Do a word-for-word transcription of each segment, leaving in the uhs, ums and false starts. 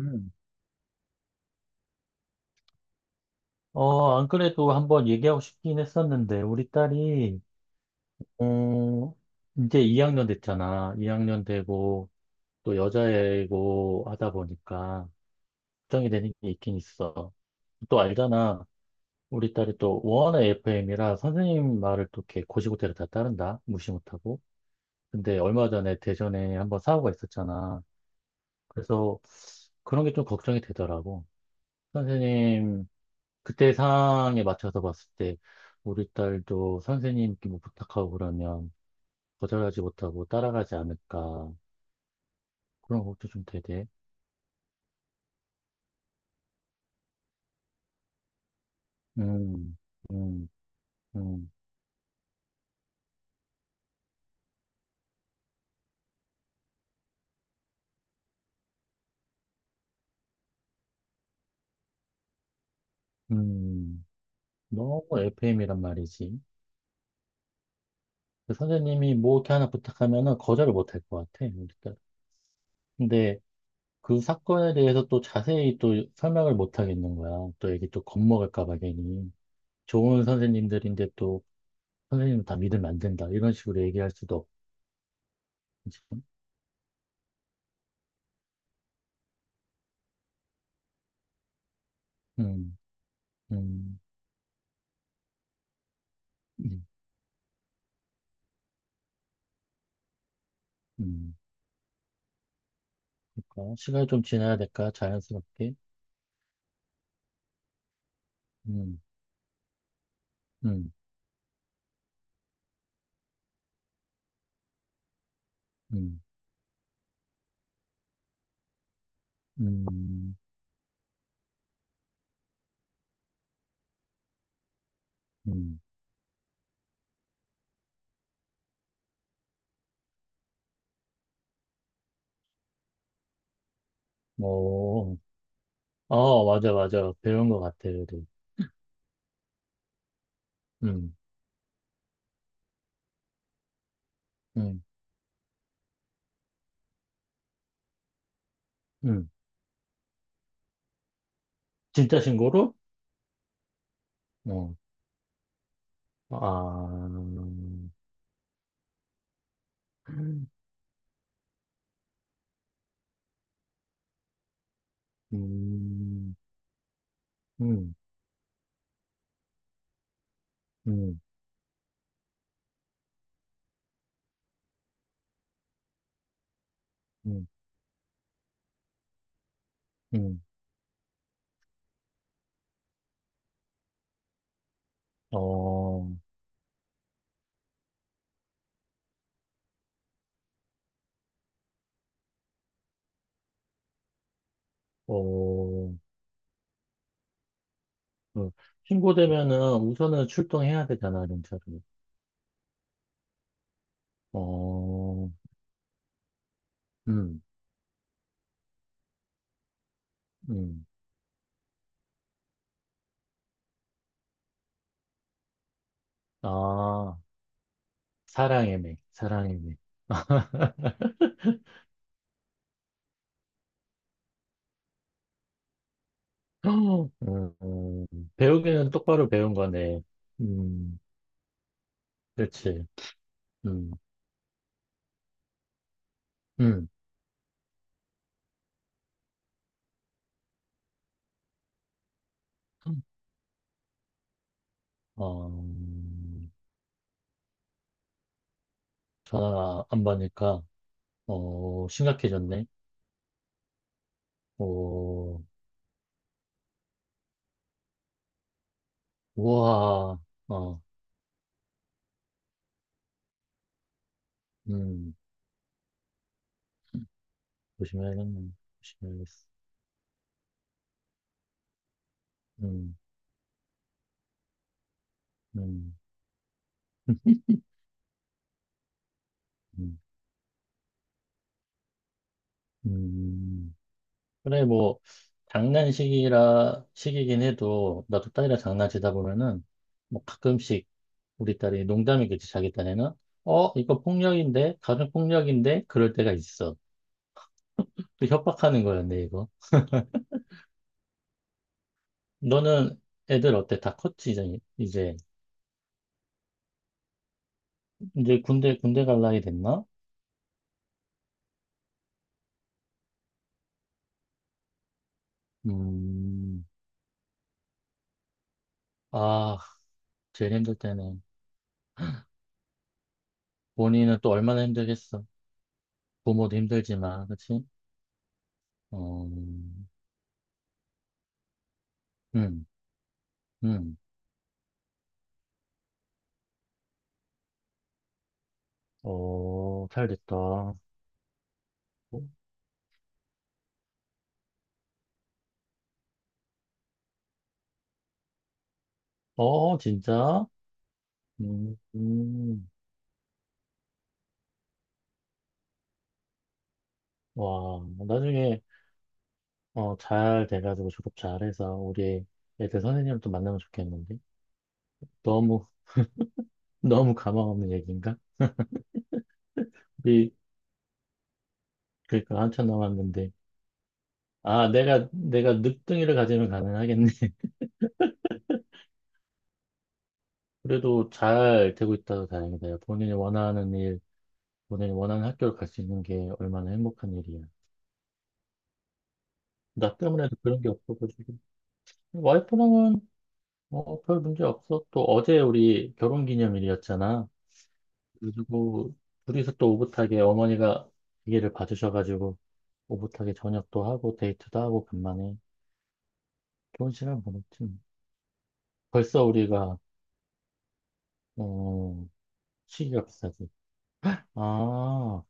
음. 어, 안 그래도 한번 얘기하고 싶긴 했었는데, 우리 딸이, 어, 이제 이 학년 됐잖아. 이 학년 되고, 또 여자애고 하다 보니까, 걱정이 되는 게 있긴 있어. 또 알잖아. 우리 딸이 또 워낙 에프엠이라 선생님 말을 또 이렇게 곧이곧대로 다 따른다. 무시 못하고. 근데 얼마 전에 대전에 한번 사고가 있었잖아. 그래서 그런 게 좀 걱정이 되더라고. 선생님 그때 상황에 맞춰서 봤을 때 우리 딸도 선생님께 뭐 부탁하고 그러면 거절하지 못하고 따라가지 않을까 그런 것도 좀 되대. 음, 음, 음, 음. 너무 에프엠이란 말이지. 그 선생님이 뭐 이렇게 하나 부탁하면은 거절을 못 할 것 같아, 우리 딸. 근데 그 사건에 대해서 또 자세히 또 설명을 못 하겠는 거야. 또 애기 또 겁먹을까 봐 괜히. 좋은 선생님들인데 또 선생님 다 믿으면 안 된다. 이런 식으로 얘기할 수도 없 지금. 음, 음, 음. 그러니까 시간이 좀 지나야 될까? 자연스럽게. 음, 음, 음, 음, 음. 뭐, 아 맞아, 맞아. 배운 것 같아, 그래도. 음, 음, 음. 진짜 신고로? 어, 아, 음, 음, 음, 음, 음. 어, 어, 그 신고되면은 우선은 출동해야 되잖아, 경찰로. 어, 음, 음. 아. 사랑의 맥, 사랑의 맥. 음, 음, 배우기는 똑바로 배운 거네. 음, 그렇지. 음, 음. 어, 전화 안 받으니까, 어, 심각해졌네. 오, 우와, 어, 음, 조심해야겠네. 조심해야겠어. 음, 음, 음, 음. 그래, 뭐, 장난식이라, 식이긴 해도, 나도 딸이랑 장난치다 보면은, 뭐, 가끔씩 우리 딸이 농담이겠지, 자기 딴에는. 어, 이거 폭력인데? 가정폭력인데? 그럴 때가 있어. 또 협박하는 거였네, 이거. 너는 애들 어때? 다 컸지, 이제? 이제 이제 군대, 군대 갈 나이 됐나? 음, 아, 제일 힘들 때는. 본인은 또 얼마나 힘들겠어. 부모도 힘들지만, 그치? 어, 음, 음. 어, 잘 됐다. 어, 진짜? 음, 음. 와, 나중에, 어, 잘 돼가지고 졸업 잘해서 우리 애들 선생님 또 만나면 좋겠는데? 너무, 너무 가망 없는 얘기인가? 우리, 그러니까 한참 남았는데. 아, 내가, 내가 늦둥이를 가지면 가능하겠네. 그래도 잘 되고 있다고 다행이다. 본인이 원하는 일, 본인이 원하는 학교를 갈 수 있는 게 얼마나 행복한 일이야. 나 때문에도 그런 게 없어가지고. 와이프랑은, 어, 별 문제 없어. 또 어제 우리 결혼 기념일이었잖아. 그리고 둘이서 또 오붓하게 어머니가 기계를 봐주셔가지고 오붓하게 저녁도 하고 데이트도 하고 간만에 좋은 시간 보냈지. 벌써 우리가 어, 시기가 비싸지. 아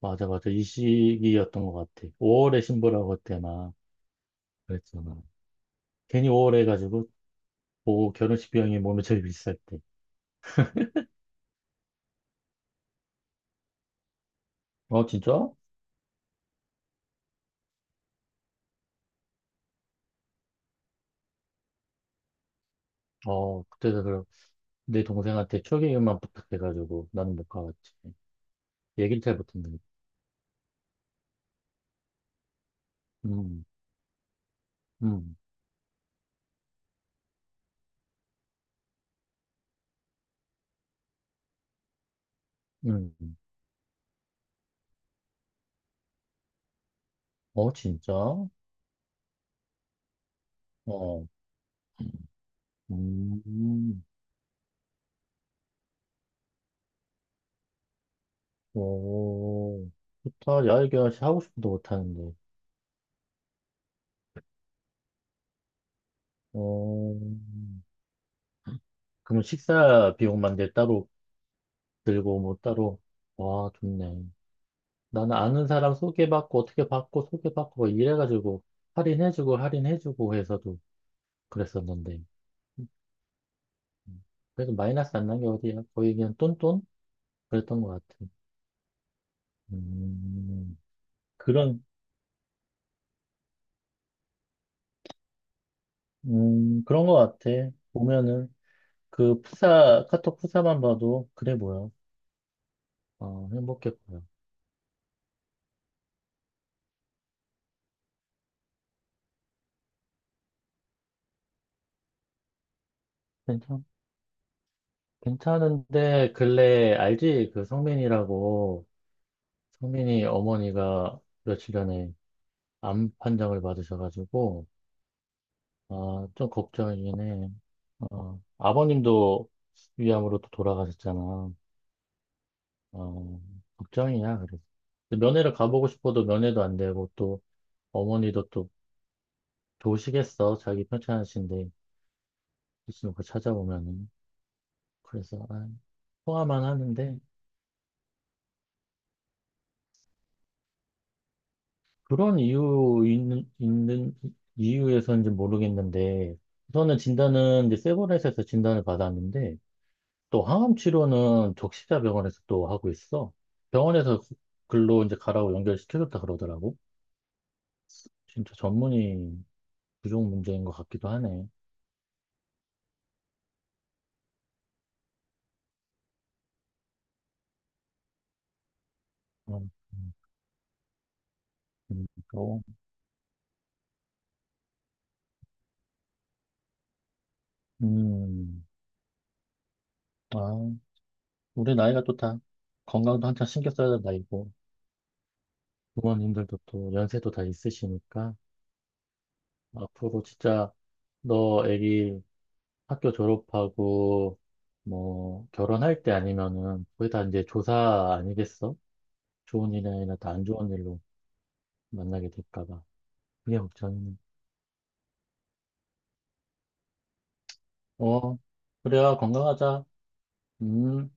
맞아 맞아 이 시기였던 것 같아. 오월에 신부라고 그때 막 그랬잖아. 괜히 오월 해가지고 뭐 결혼식 비용이 몸에 제일 비쌀 때. 어 진짜? 어 그때도 그럼 내 동생한테 초기만 부탁해가지고 나는 못 가봤지. 얘기를 잘 못했는데. 음 음, 음. 어, 진짜? 어, 음, 오, 좋다. 야, 이게 하고 싶어도 못하는데. 어, 그럼 식사 비용만 내 따로 들고, 뭐 따로. 와, 좋네. 나는 아는 사람 소개받고, 어떻게 받고, 소개받고, 뭐 이래가지고, 할인해주고, 할인해주고 해서도 그랬었는데. 음, 그래도 마이너스 안 난 게 어디야? 거의 그냥 똔똔? 그랬던 것 같아. 음, 그런, 음, 그런 것 같아. 보면은. 그 프사, 카톡 프사만 봐도, 그래 뭐야. 어, 행복했 보여. 괜찮, 괜찮은데, 근래, 알지? 그 성민이라고, 성민이 어머니가 며칠 전에 암 판정을 받으셔가지고, 아, 좀 걱정이긴 해. 어, 아버님도 위암으로 또 돌아가셨잖아. 어, 걱정이야, 그래서. 근데 면회를 가보고 싶어도 면회도 안 되고, 또, 어머니도 또 좋으시겠어. 자기 편찮으신데, 있으면 그 찾아보면은. 그래서 아, 화만 하는데 그런 이유 있는, 있는 이유에서인지 모르겠는데 우선은 진단은 이제 세브란스에서 진단을 받았는데 또 항암 치료는 적시자 병원에서 또 하고 있어. 병원에서 글로 이제 가라고 연결시켜줬다 그러더라고. 진짜 전문의 부족 문제인 것 같기도 하네. 어, 음, 음, 또, 음, 아, 우리 나이가 또 다 건강도 한참 신경 써야 될 나이고 부모님들도 또 연세도 다 있으시니까 앞으로 진짜 너 애기 학교 졸업하고 뭐 결혼할 때 아니면은 거의 다 이제 조사 아니겠어? 좋은 일이 아니라 다 안 좋은 일로 만나게 될까 봐. 그게 걱정이네. 어, 그래야 건강하자. 음.